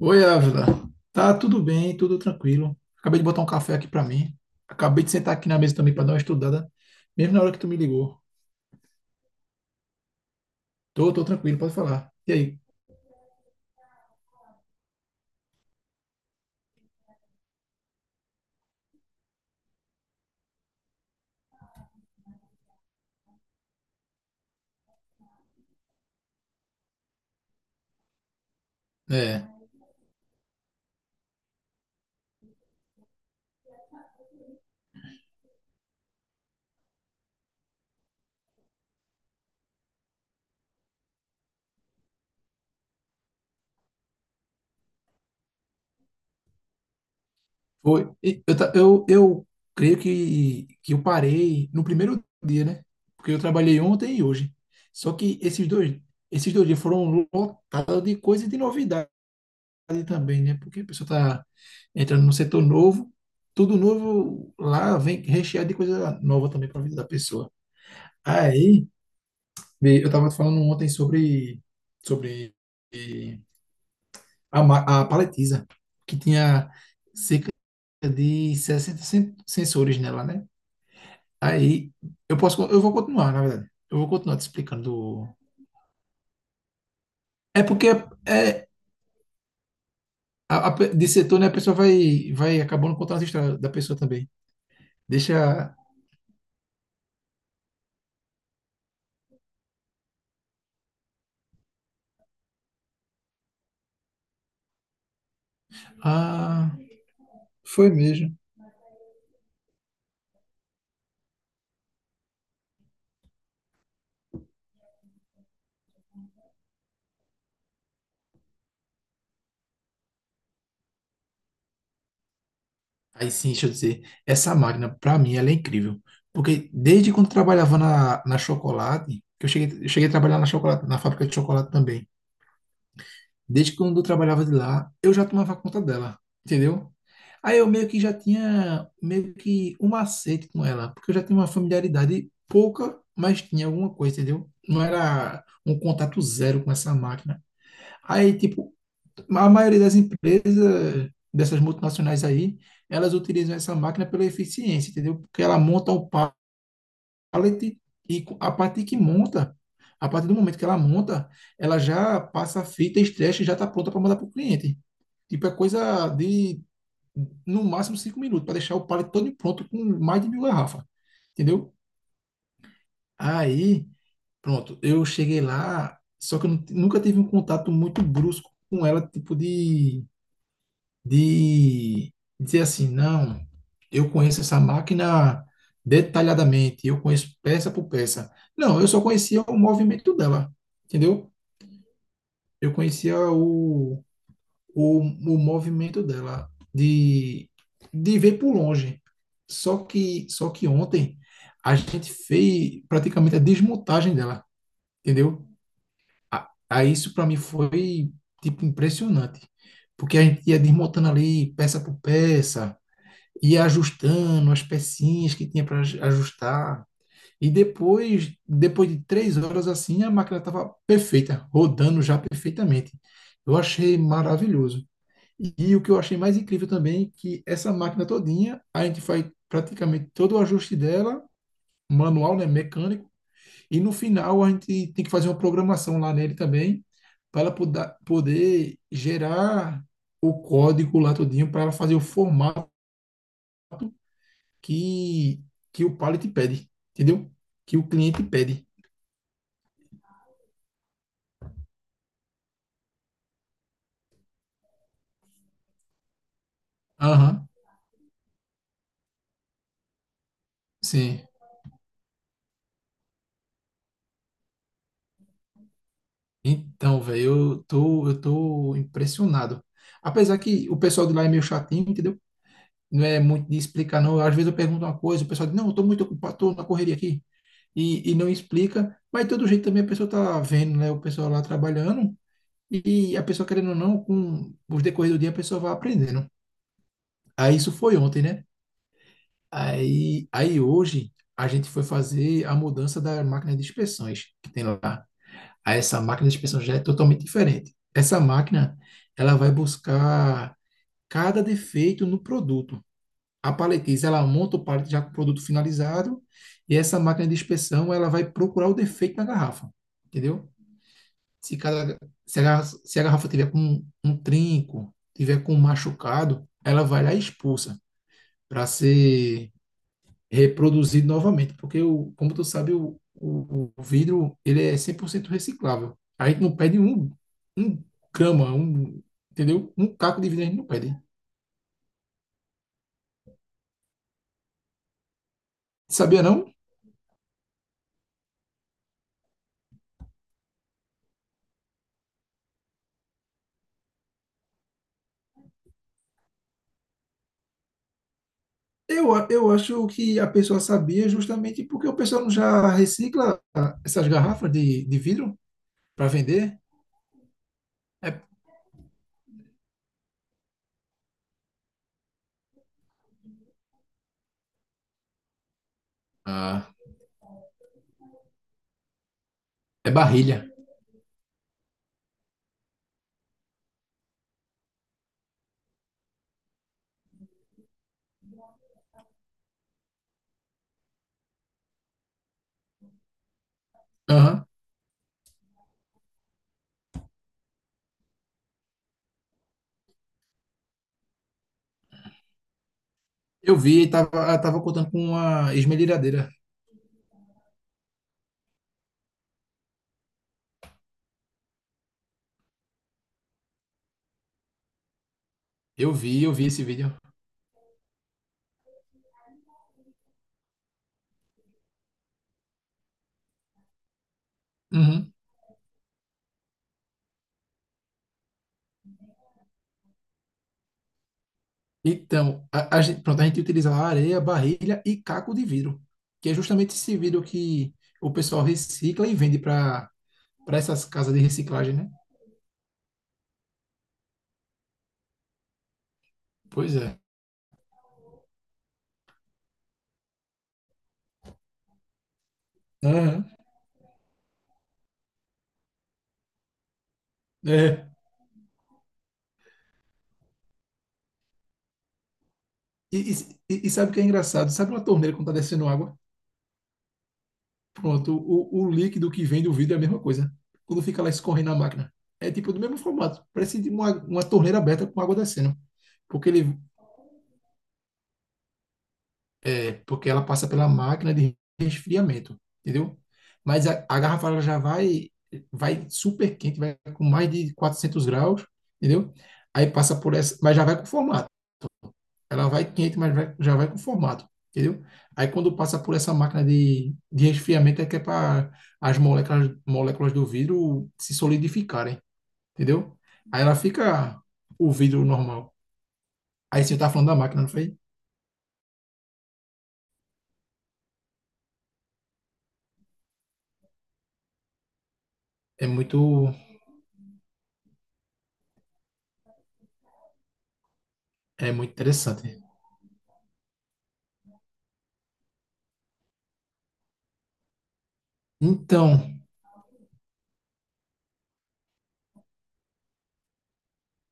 Oi, Ávila. Tá tudo bem, tudo tranquilo. Acabei de botar um café aqui pra mim. Acabei de sentar aqui na mesa também pra dar uma estudada, mesmo na hora que tu me ligou. Tô tranquilo, pode falar. E aí? É, foi. E eu creio que eu parei no primeiro dia, né? Porque eu trabalhei ontem e hoje. Só que esses dois dias foram lotados de coisa e de novidade também, né? Porque a pessoa está entrando num setor novo, tudo novo lá vem recheado de coisa nova também para a vida da pessoa. Aí, vê, eu estava falando ontem sobre eh, a paletiza, que tinha cerca de 60 sensores nela, né? Aí, eu vou continuar, na verdade. Eu vou continuar te explicando. É porque é, é, de setor, né? A pessoa vai acabando contando as histórias da pessoa também. Deixa. Ah, Foi mesmo. Aí sim, deixa eu dizer, essa máquina, pra mim, ela é incrível. Porque desde quando trabalhava na chocolate, que eu cheguei a trabalhar na chocolate, na fábrica de chocolate também. Desde quando eu trabalhava de lá, eu já tomava conta dela, entendeu? Aí eu meio que já tinha meio que um macete com ela, porque eu já tinha uma familiaridade pouca, mas tinha alguma coisa, entendeu? Não era um contato zero com essa máquina. Aí, tipo, a maioria das empresas, dessas multinacionais aí, elas utilizam essa máquina pela eficiência, entendeu? Porque ela monta o pallet e a partir do momento que ela monta, ela já passa a fita, estresse e já está pronta para mandar para o cliente. Tipo, é coisa de, no máximo, 5 minutos, para deixar o pallet todo pronto com mais de 1.000 garrafas, entendeu? Aí, pronto, eu cheguei lá, só que eu nunca tive um contato muito brusco com ela, tipo de dizer assim, não, eu conheço essa máquina detalhadamente, eu conheço peça por peça. Não, eu só conhecia o movimento dela, entendeu? Eu conhecia o movimento dela, de ver por longe. Só que ontem a gente fez praticamente a desmontagem dela, entendeu? Aí isso para mim foi, tipo, impressionante. Porque a gente ia desmontando ali peça por peça, ia ajustando as pecinhas que tinha para ajustar. E depois de 3 horas assim, a máquina estava perfeita, rodando já perfeitamente. Eu achei maravilhoso. E o que eu achei mais incrível também, é que essa máquina todinha, a gente faz praticamente todo o ajuste dela, manual, né, mecânico, e no final a gente tem que fazer uma programação lá nele também, para ela poder gerar o código lá todinho, para ela fazer o formato que, que o pallet pede, entendeu? Que o cliente pede. Aham, sim. Então, velho, eu tô impressionado. Apesar que o pessoal de lá é meio chatinho, entendeu? Não é muito de explicar, não. Às vezes eu pergunto uma coisa, o pessoal diz, não, eu tô muito ocupado, tô na correria aqui. E não explica. Mas, de todo jeito, também a pessoa tá vendo, né? O pessoal lá trabalhando. E a pessoa, querendo ou não, com os decorrer do dia, a pessoa vai aprendendo. Aí, isso foi ontem, né? Aí hoje a gente foi fazer a mudança da máquina de inspeções que tem lá. Aí essa máquina de inspeção já é totalmente diferente. Essa máquina, ela vai buscar cada defeito no produto. A paletiza, ela monta o pallet já com o produto finalizado e essa máquina de inspeção, ela vai procurar o defeito na garrafa, entendeu? Se, cada, se a garrafa tiver com um trinco, tiver com um machucado, ela vai lá e expulsa para ser reproduzido novamente, porque, como tu sabe, o vidro ele é 100% reciclável. A gente não perde um grama, entendeu? Um caco de vidro a gente não perde. Sabia não? Eu, eu acho que a pessoa sabia justamente porque o pessoal não já recicla essas garrafas de vidro para vender. É, ah, é barrilha. Aham. Eu vi, ela tava contando com uma esmerilhadeira. Eu vi esse vídeo. Uhum. Então, pronto, a gente utilizava areia, barrilha e caco de vidro, que é justamente esse vidro que o pessoal recicla e vende para essas casas de reciclagem, né? Pois é. Aham. É. E, e sabe o que é engraçado? Sabe uma torneira quando está descendo água? Pronto, o líquido que vem do vidro é a mesma coisa. Quando fica lá escorrendo na máquina. É tipo do mesmo formato. Parece de uma torneira aberta com água descendo. Porque ele, É, porque ela passa pela máquina de resfriamento, entendeu? Mas a garrafa ela já vai super quente, vai com mais de 400 graus, entendeu? Aí passa por essa, mas já vai com formato. Ela vai quente, mas já vai com formato, entendeu? Aí quando passa por essa máquina de resfriamento é que é para as moléculas do vidro se solidificarem, entendeu? Aí ela fica o vidro normal. Aí você tá falando da máquina, não foi? É muito, é muito interessante. Então,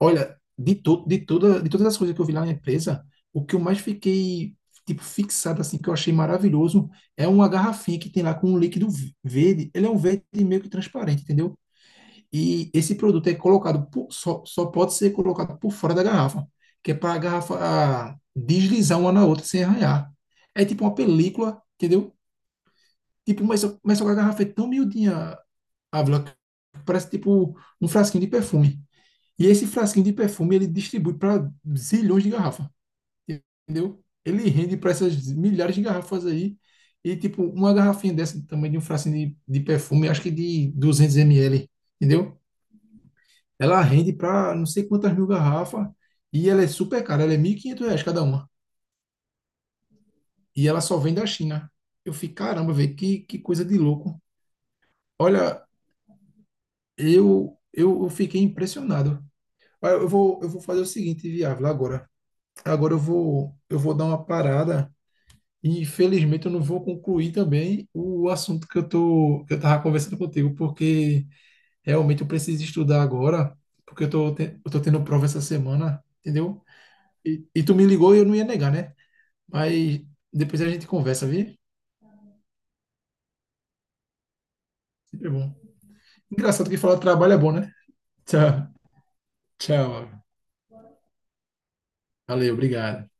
olha, de todas as coisas que eu vi lá na empresa, o que eu mais fiquei tipo fixado assim, que eu achei maravilhoso, é uma garrafinha que tem lá com um líquido verde. Ele é um verde meio que transparente, entendeu? E esse produto é colocado só pode ser colocado por fora da garrafa, que é para a garrafa deslizar uma na outra sem arranhar. É tipo uma película, entendeu? Tipo, mas, só que a garrafa é tão miudinha, Ávila, que parece tipo um frasquinho de perfume. E esse frasquinho de perfume ele distribui para zilhões de garrafas, entendeu? Ele rende para essas milhares de garrafas aí. E, tipo, uma garrafinha dessa também de um frasquinho de perfume, acho que de 200 ml, entendeu? Ela rende para não sei quantas mil garrafas e ela é super cara, ela é R$ 1.500 cada uma. E ela só vem da China. Eu fiquei, caramba, velho, que coisa de louco. Olha, eu fiquei impressionado. Olha, Eu vou fazer o seguinte, Viável, agora. Agora eu vou dar uma parada. E infelizmente eu não vou concluir também o assunto que eu tava conversando contigo, porque realmente eu preciso estudar agora, porque eu tô tendo prova essa semana, entendeu? E tu me ligou e eu não ia negar, né? Mas depois a gente conversa, viu? Sempre bom. Engraçado que falar de trabalho é bom, né? Tchau, tchau. Valeu, obrigado.